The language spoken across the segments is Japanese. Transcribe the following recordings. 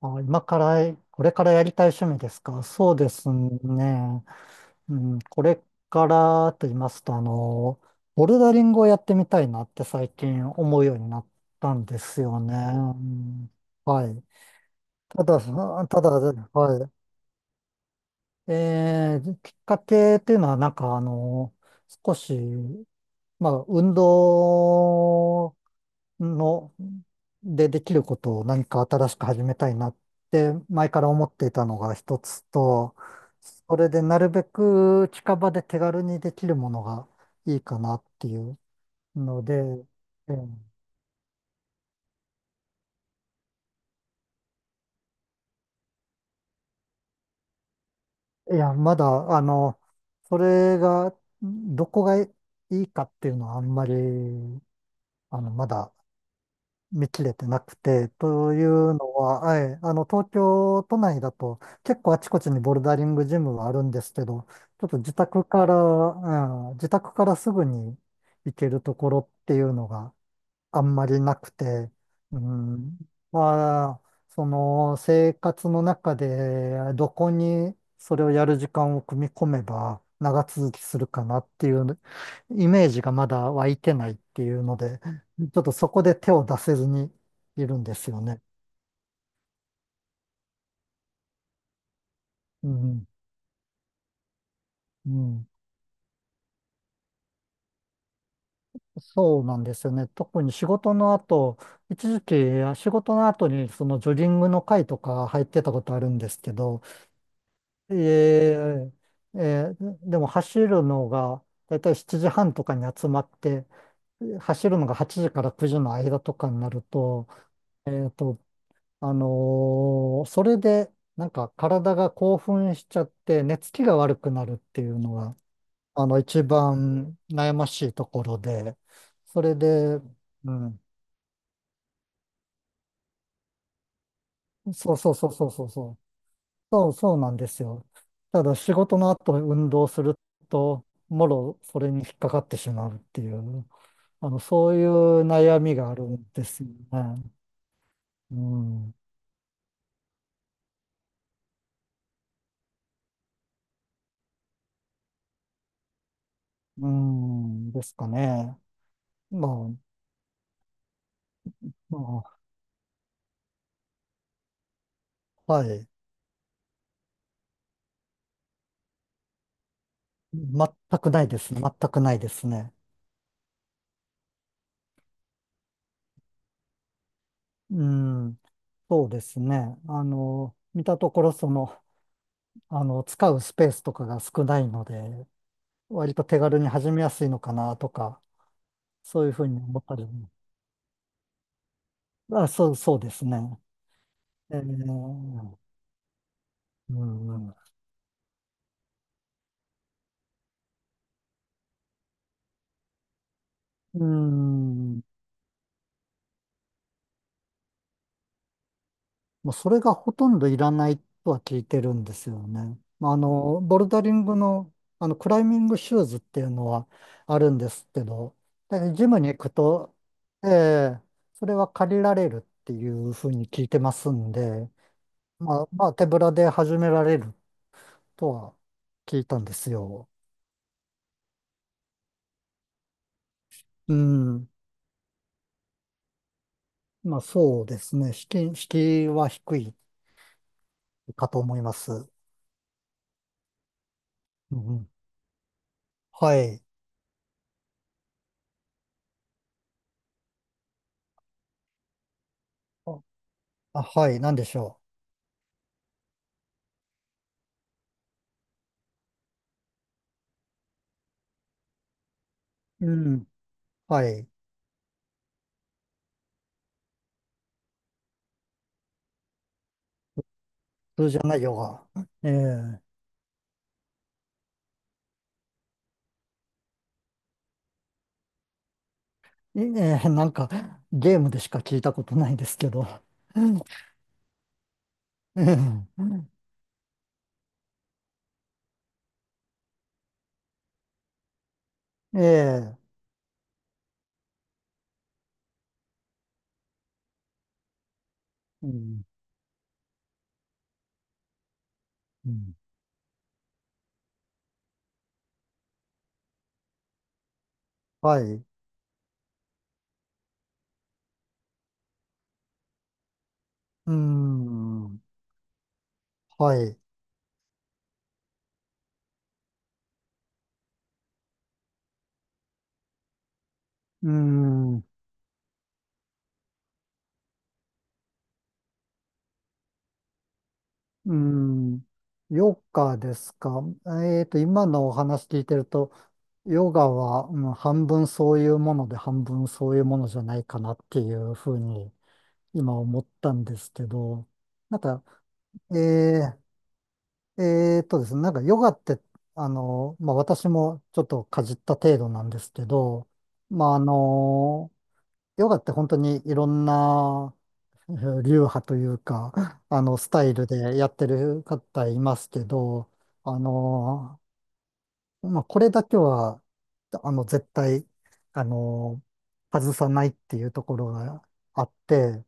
あ、今から、これからやりたい趣味ですか。そうですね。うん、これからと言いますと、ボルダリングをやってみたいなって最近思うようになったんですよね。うん、はい。ただ、そただ、はい。きっかけっていうのは、なんか少し、まあ、運動の、でできることを何か新しく始めたいなって前から思っていたのが一つと、それでなるべく近場で手軽にできるものがいいかなっていうので、ええ、いや、まだ、あの、それが、どこがいいかっていうのはあんまり、まだ見切れてなくて、というのは、はい、東京都内だと結構あちこちにボルダリングジムはあるんですけど、ちょっと自宅から、うん、自宅からすぐに行けるところっていうのが、あんまりなくて、うん、まあ、その生活の中でどこにそれをやる時間を組み込めば長続きするかなっていうイメージがまだ湧いてないっていうので、ちょっとそこで手を出せずにいるんですよね。うん、うん、そうなんですよね。特に仕事の後、一時期仕事の後にそのジョギングの会とか入ってたことあるんですけど、ええ、でも走るのが、だいたい7時半とかに集まって、走るのが8時から9時の間とかになると、えっと、それで、なんか体が興奮しちゃって、寝つきが悪くなるっていうのが、一番悩ましいところで、それで、うん、そうそうそうそうそうそう、そう、そうなんですよ。ただ仕事の後運動すると、もろそれに引っかかってしまうっていう、そういう悩みがあるんですよね。うん。うん、ですかね。まあ、まあ、はい。全くないですね。全くないですね。うん。そうですね。見たところ、その、使うスペースとかが少ないので、割と手軽に始めやすいのかなとか、そういうふうに思ったり、まあ、そう、そうですね。えー、うん、うん。うん、まあ、それがほとんどいらないとは聞いてるんですよね。まあ、ボルダリングの、クライミングシューズっていうのはあるんですけど、だからジムに行くと、ええ、それは借りられるっていうふうに聞いてますんで、まあ、まあ、手ぶらで始められるとは聞いたんですよ。うん。まあ、そうですね。敷居は低いかと思います。うん、うん、はい。あ、あはい。なんでしょう。うん。はい。普通じゃないヨガ。ええいええなんか、ゲームでしか聞いたことないですけど。ええ。 ええ、うん、うん、はい。うん。はい。うん。うん。ヨガですか。今のお話聞いてると、ヨガは、うん、半分そういうもので、半分そういうものじゃないかなっていうふうに今思ったんですけど、なんか、えー、ですね、なんかヨガって、まあ私もちょっとかじった程度なんですけど、まあ、ヨガって本当にいろんな流派というか、スタイルでやってる方いますけど、あの、まあこれだけは、絶対、あの、外さないっていうところがあって、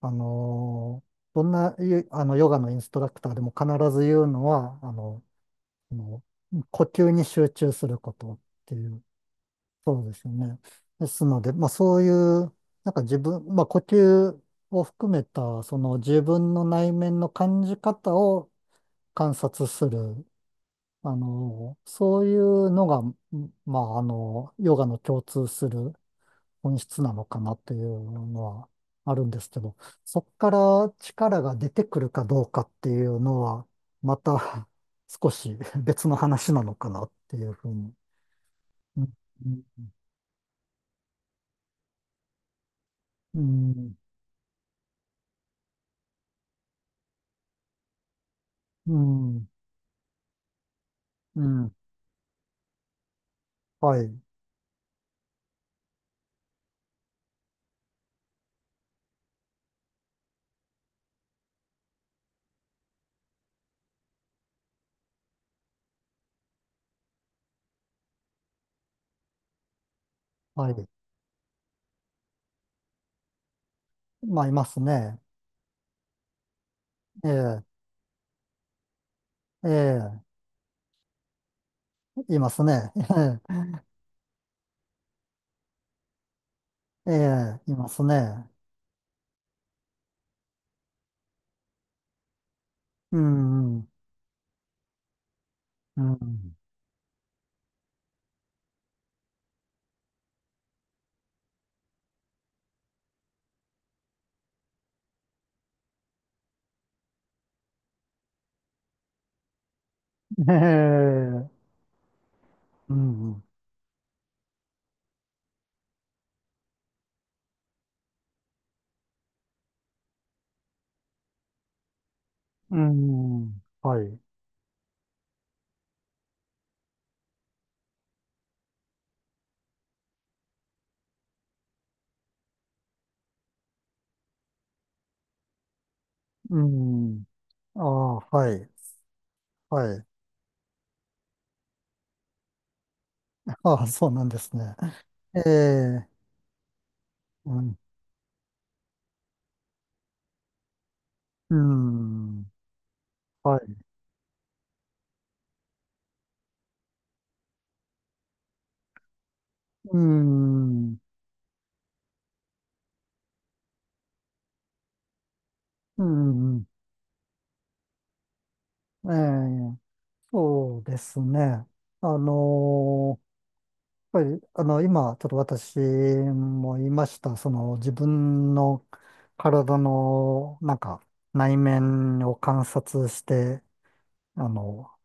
あのーどんなゆあのヨガのインストラクターでも必ず言うのは、呼吸に集中することっていう、そうですよね。ですので、まあそういう、なんか自分、まあ呼吸を含めた、その自分の内面の感じ方を観察する、そういうのが、まあ、ヨガの共通する本質なのかなっていうのはあるんですけど、そこから力が出てくるかどうかっていうのは、また 少し別の話なのかなっていうふうに。うん、うん、うん、うん、はい、はい。まあ、いますね。ええ、ええ、いますね。ええ、ええ、いますね。うん、うん、うん。ええ、うん、うん、はい。うん、ああ、はい。はい。ああ、そうなんですね。ええ、うん、うん、はい。うん、うん、ええ、そうですね。あのーやっぱり、今、ちょっと私も言いました、その、自分の体の、なんか、内面を観察して、あの、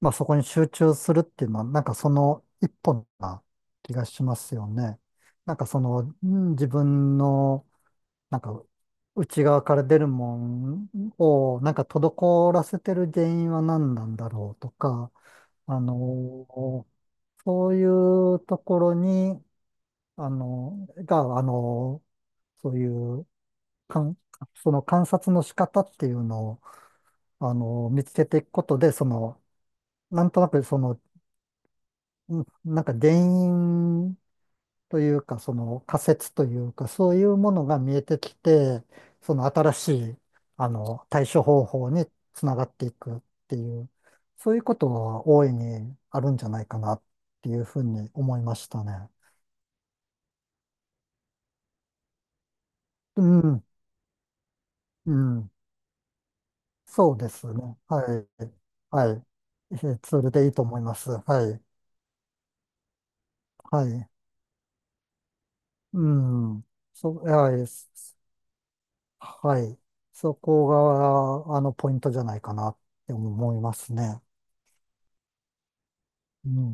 まあそこに集中するっていうのは、なんかその一本な気がしますよね。なんかその、うん、自分の、なんか内側から出るもんを、なんか滞らせてる原因は何なんだろうとか、あの、そういうところに、あの、が、あの、そういうかん、その観察の仕方っていうのを、見つけていくことで、その、なんとなくそのうんなんか原因というか、その仮説というか、そういうものが見えてきて、その新しい、対処方法につながっていくっていう、そういうことは大いにあるんじゃないかなっていうふうに思いましたね。うん、うん、そうですね。はい、はい。えそれでいいと思います。はい、はい。うん、そう、はい。はい。そこが、ポイントじゃないかなって思いますね。うん。